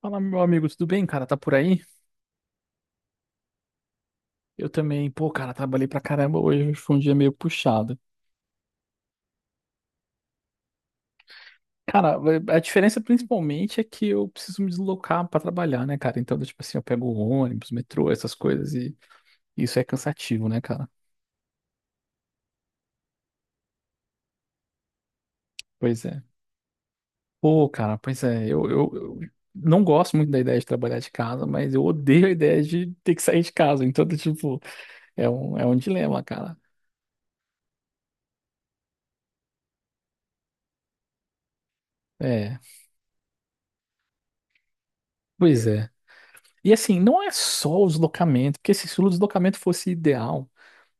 Fala, meu amigo, tudo bem, cara? Tá por aí? Eu também, pô, cara, trabalhei pra caramba hoje, foi um dia meio puxado. Cara, a diferença principalmente é que eu preciso me deslocar pra trabalhar, né, cara? Então, tipo assim, eu pego o ônibus, metrô, essas coisas e isso é cansativo, né, cara? Pois é. Pô, cara, pois é, eu não gosto muito da ideia de trabalhar de casa, mas eu odeio a ideia de ter que sair de casa. Então, tipo, é um dilema, cara. É, pois é. E assim, não é só o deslocamento, porque se o deslocamento fosse ideal.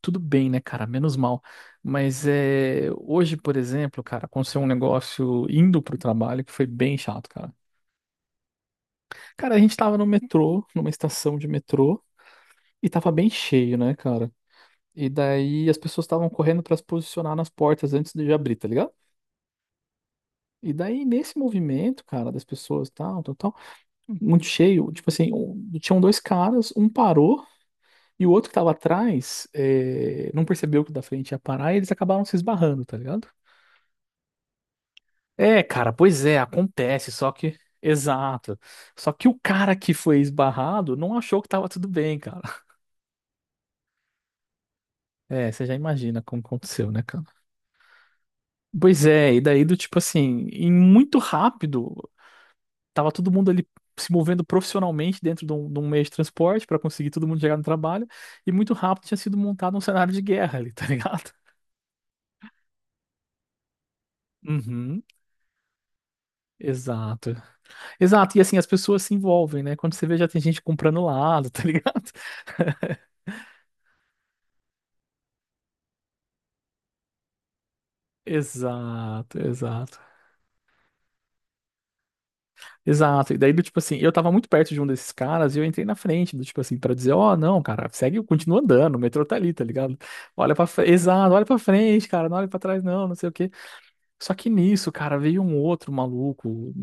Tudo bem, né, cara? Menos mal. Mas é, hoje, por exemplo, cara, aconteceu um negócio indo pro trabalho que foi bem chato, cara. Cara, a gente tava no metrô, numa estação de metrô, e tava bem cheio, né, cara? E daí as pessoas estavam correndo pra se posicionar nas portas antes de abrir, tá ligado? E daí, nesse movimento, cara, das pessoas, tal, tal, tal, muito cheio, tipo assim, tinham dois caras, um parou e o outro que tava atrás, não percebeu que o da frente ia parar e eles acabaram se esbarrando, tá ligado? É, cara, pois é, acontece, só que. Exato. Só que o cara que foi esbarrado não achou que tava tudo bem, cara. É, você já imagina como aconteceu, né, cara? Pois é, e daí do tipo assim, em muito rápido, tava todo mundo ali se movendo profissionalmente dentro de um meio de transporte pra conseguir todo mundo chegar no trabalho, e muito rápido tinha sido montado um cenário de guerra ali, tá ligado? Uhum, exato. Exato, e assim, as pessoas se envolvem, né? Quando você vê, já tem gente comprando lado, tá ligado? Exato, exato. Exato. E daí, do tipo assim, eu tava muito perto de um desses caras e eu entrei na frente, do tipo assim, pra dizer, ó, não, cara, segue, continua andando, o metrô tá ali, tá ligado? Olha pra frente, exato, olha pra frente, cara, não olha pra trás, não, não sei o quê. Só que nisso, cara, veio um outro maluco,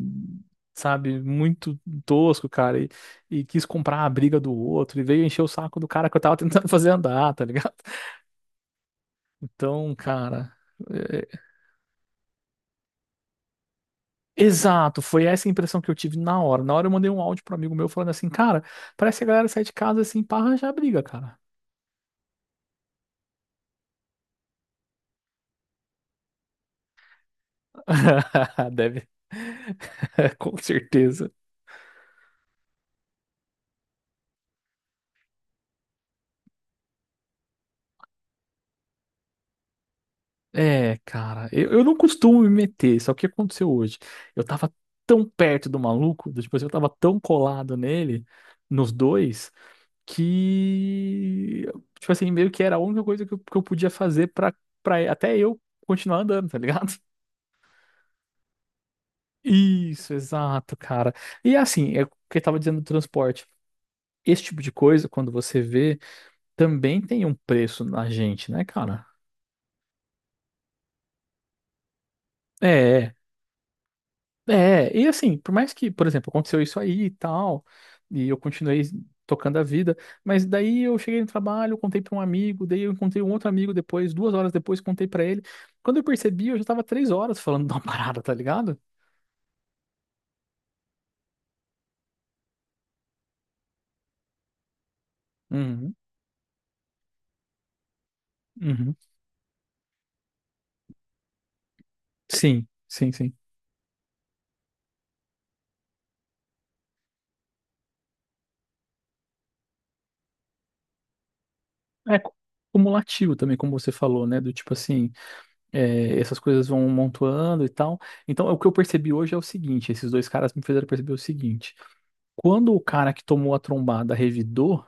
sabe, muito tosco, cara, e quis comprar a briga do outro, e veio encher o saco do cara que eu tava tentando fazer andar, tá ligado? Então, cara. é, Exato, foi essa a impressão que eu tive na hora. Na hora eu mandei um áudio pro amigo meu falando assim, cara, parece que a galera sai de casa assim pra arranjar briga, cara. Deve, com certeza. É, cara, eu não costumo me meter, só que o que aconteceu hoje? Eu tava tão perto do maluco, tipo assim, eu tava tão colado nele, nos dois, que, tipo assim, meio que era a única coisa que eu podia fazer pra, pra até eu continuar andando, tá ligado? Isso, exato, cara. E assim, é o que eu tava dizendo do transporte. Esse tipo de coisa, quando você vê, também tem um preço na gente, né, cara? É, é. E assim, por mais que, por exemplo, aconteceu isso aí e tal, e eu continuei tocando a vida, mas daí eu cheguei no trabalho, contei pra um amigo, daí eu encontrei um outro amigo depois, 2 horas depois, contei pra ele. Quando eu percebi, eu já tava 3 horas falando de uma parada, tá ligado? Uhum, uhum. Sim, sim, sim. É, cumulativo também, como você falou, né? Do tipo assim, é, essas coisas vão montando e tal. Então, o que eu percebi hoje é o seguinte: esses dois caras me fizeram perceber o seguinte. Quando o cara que tomou a trombada revidou,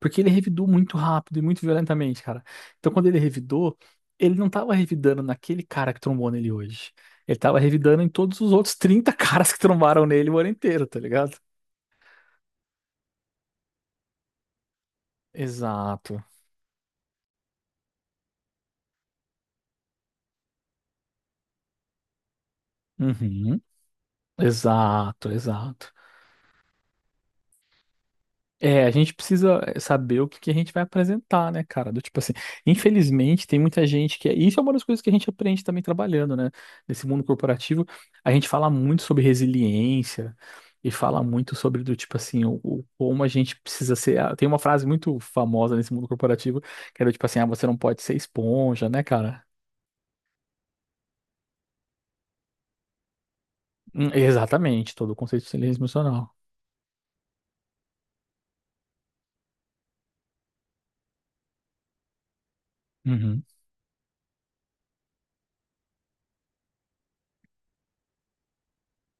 porque ele revidou muito rápido e muito violentamente, cara. Então, quando ele revidou, ele não tava revidando naquele cara que trombou nele hoje. Ele tava revidando em todos os outros 30 caras que trombaram nele o ano inteiro, tá ligado? Exato. Uhum. Exato, exato. É, a gente precisa saber o que que a gente vai apresentar, né, cara? Do tipo assim, infelizmente tem muita gente que. Isso é uma das coisas que a gente aprende também trabalhando, né? Nesse mundo corporativo, a gente fala muito sobre resiliência e fala muito sobre do tipo assim, como a gente precisa ser. Tem uma frase muito famosa nesse mundo corporativo que era tipo assim, você não pode ser esponja, né, cara? Exatamente, todo o conceito de inteligência emocional. Uhum.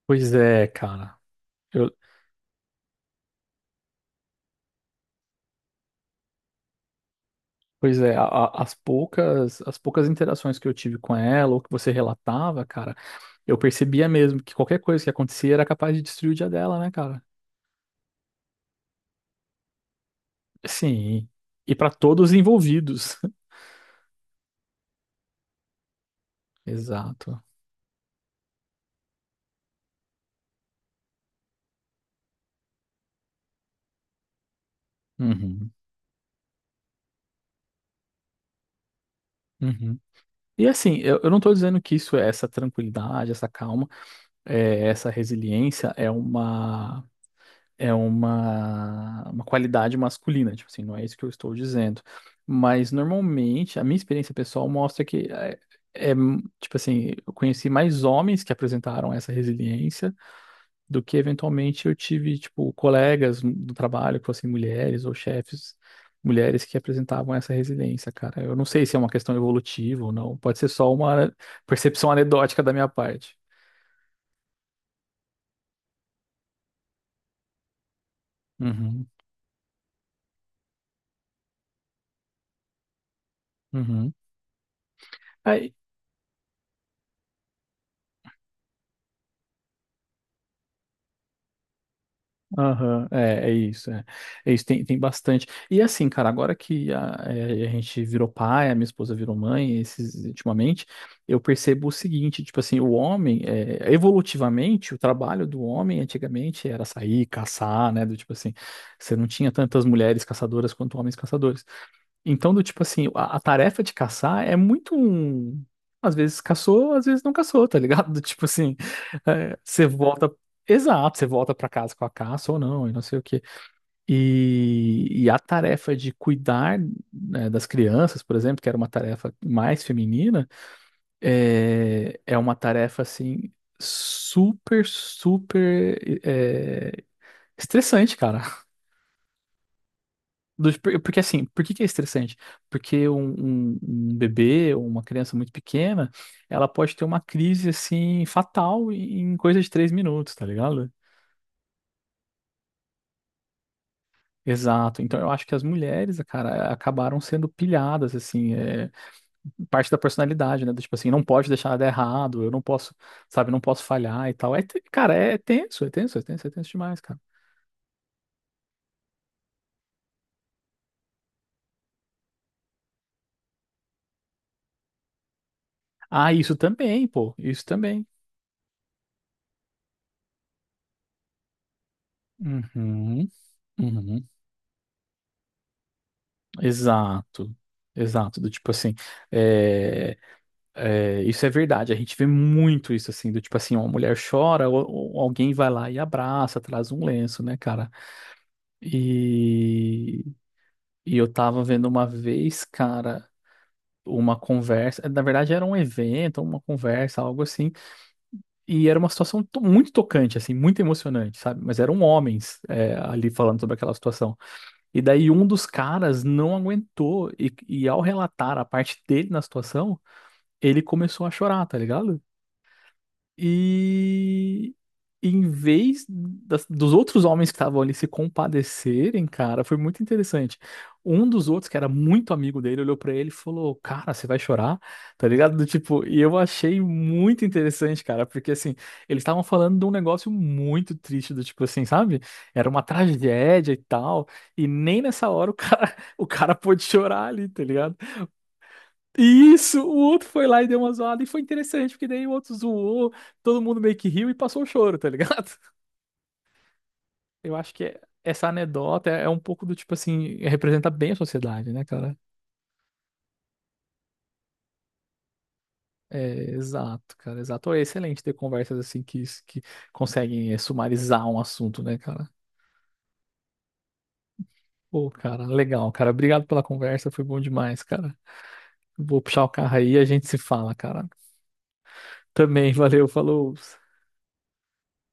Pois é, cara. Pois é, as poucas interações que eu tive com ela, ou que você relatava, cara, eu percebia mesmo que qualquer coisa que acontecia era capaz de destruir o dia dela, né, cara? Sim, e para todos os envolvidos. Exato. Uhum, uhum. E assim, eu não tô dizendo que isso é essa tranquilidade, essa calma, essa resiliência é uma qualidade masculina, tipo assim, não é isso que eu estou dizendo. Mas normalmente, a minha experiência pessoal mostra que é, tipo assim, eu conheci mais homens que apresentaram essa resiliência do que eventualmente eu tive, tipo, colegas do trabalho que fossem mulheres ou chefes. Mulheres que apresentavam essa resiliência, cara. Eu não sei se é uma questão evolutiva ou não. Pode ser só uma percepção anedótica da minha parte. Uhum, uhum. Aí, aham, é isso, tem bastante. E assim, cara, agora que a gente virou pai, a minha esposa virou mãe, esses, ultimamente, eu percebo o seguinte, tipo assim, o homem, evolutivamente, o trabalho do homem antigamente era sair, caçar, né, do tipo assim, você não tinha tantas mulheres caçadoras quanto homens caçadores. Então, do tipo assim, a tarefa de caçar é muito um. Às vezes caçou, às vezes não caçou, tá ligado? Do tipo assim, você volta. Exato, você volta pra casa com a caça ou não, e não sei o quê. E e a tarefa de cuidar, né, das crianças, por exemplo, que era uma tarefa mais feminina, é, é uma tarefa assim, super, super, é, estressante, cara. Porque assim, por que que é estressante? Porque um bebê ou uma criança muito pequena, ela pode ter uma crise assim fatal em coisa de 3 minutos, tá ligado? Exato. Então eu acho que as mulheres, cara, acabaram sendo pilhadas, assim, parte da personalidade, né? Do tipo assim, não pode deixar nada errado, eu não posso, sabe, não posso falhar e tal. É, cara, é tenso, é tenso, é tenso, é tenso demais, cara. Ah, isso também, pô, isso também. Uhum, uhum. Exato, exato, do tipo assim, é, isso é verdade, a gente vê muito isso assim, do tipo assim, uma mulher chora, ou alguém vai lá e abraça, traz um lenço, né, cara? E e eu tava vendo uma vez, cara, uma conversa, na verdade era um evento, uma conversa, algo assim, e era uma situação muito tocante, assim, muito emocionante, sabe? Mas eram homens, ali falando sobre aquela situação. E daí um dos caras não aguentou e ao relatar a parte dele na situação, ele começou a chorar, tá ligado? E em vez dos outros homens que estavam ali se compadecerem, cara, foi muito interessante. Um dos outros, que era muito amigo dele, olhou pra ele e falou: Cara, você vai chorar? Tá ligado? Do tipo, e eu achei muito interessante, cara, porque assim, eles estavam falando de um negócio muito triste, do tipo assim, sabe? Era uma tragédia e tal, e nem nessa hora o cara, o cara pôde chorar ali, tá ligado? Isso, o outro foi lá e deu uma zoada e foi interessante, porque daí o outro zoou, todo mundo meio que riu e passou o choro, tá ligado? Eu acho que essa anedota é um pouco do tipo assim, representa bem a sociedade, né, cara? É, exato, cara, exato. É excelente ter conversas assim que, conseguem sumarizar um assunto, né, cara? Pô, cara, legal, cara. Obrigado pela conversa, foi bom demais, cara. Vou puxar o carro aí e a gente se fala, cara. Também, valeu, falou.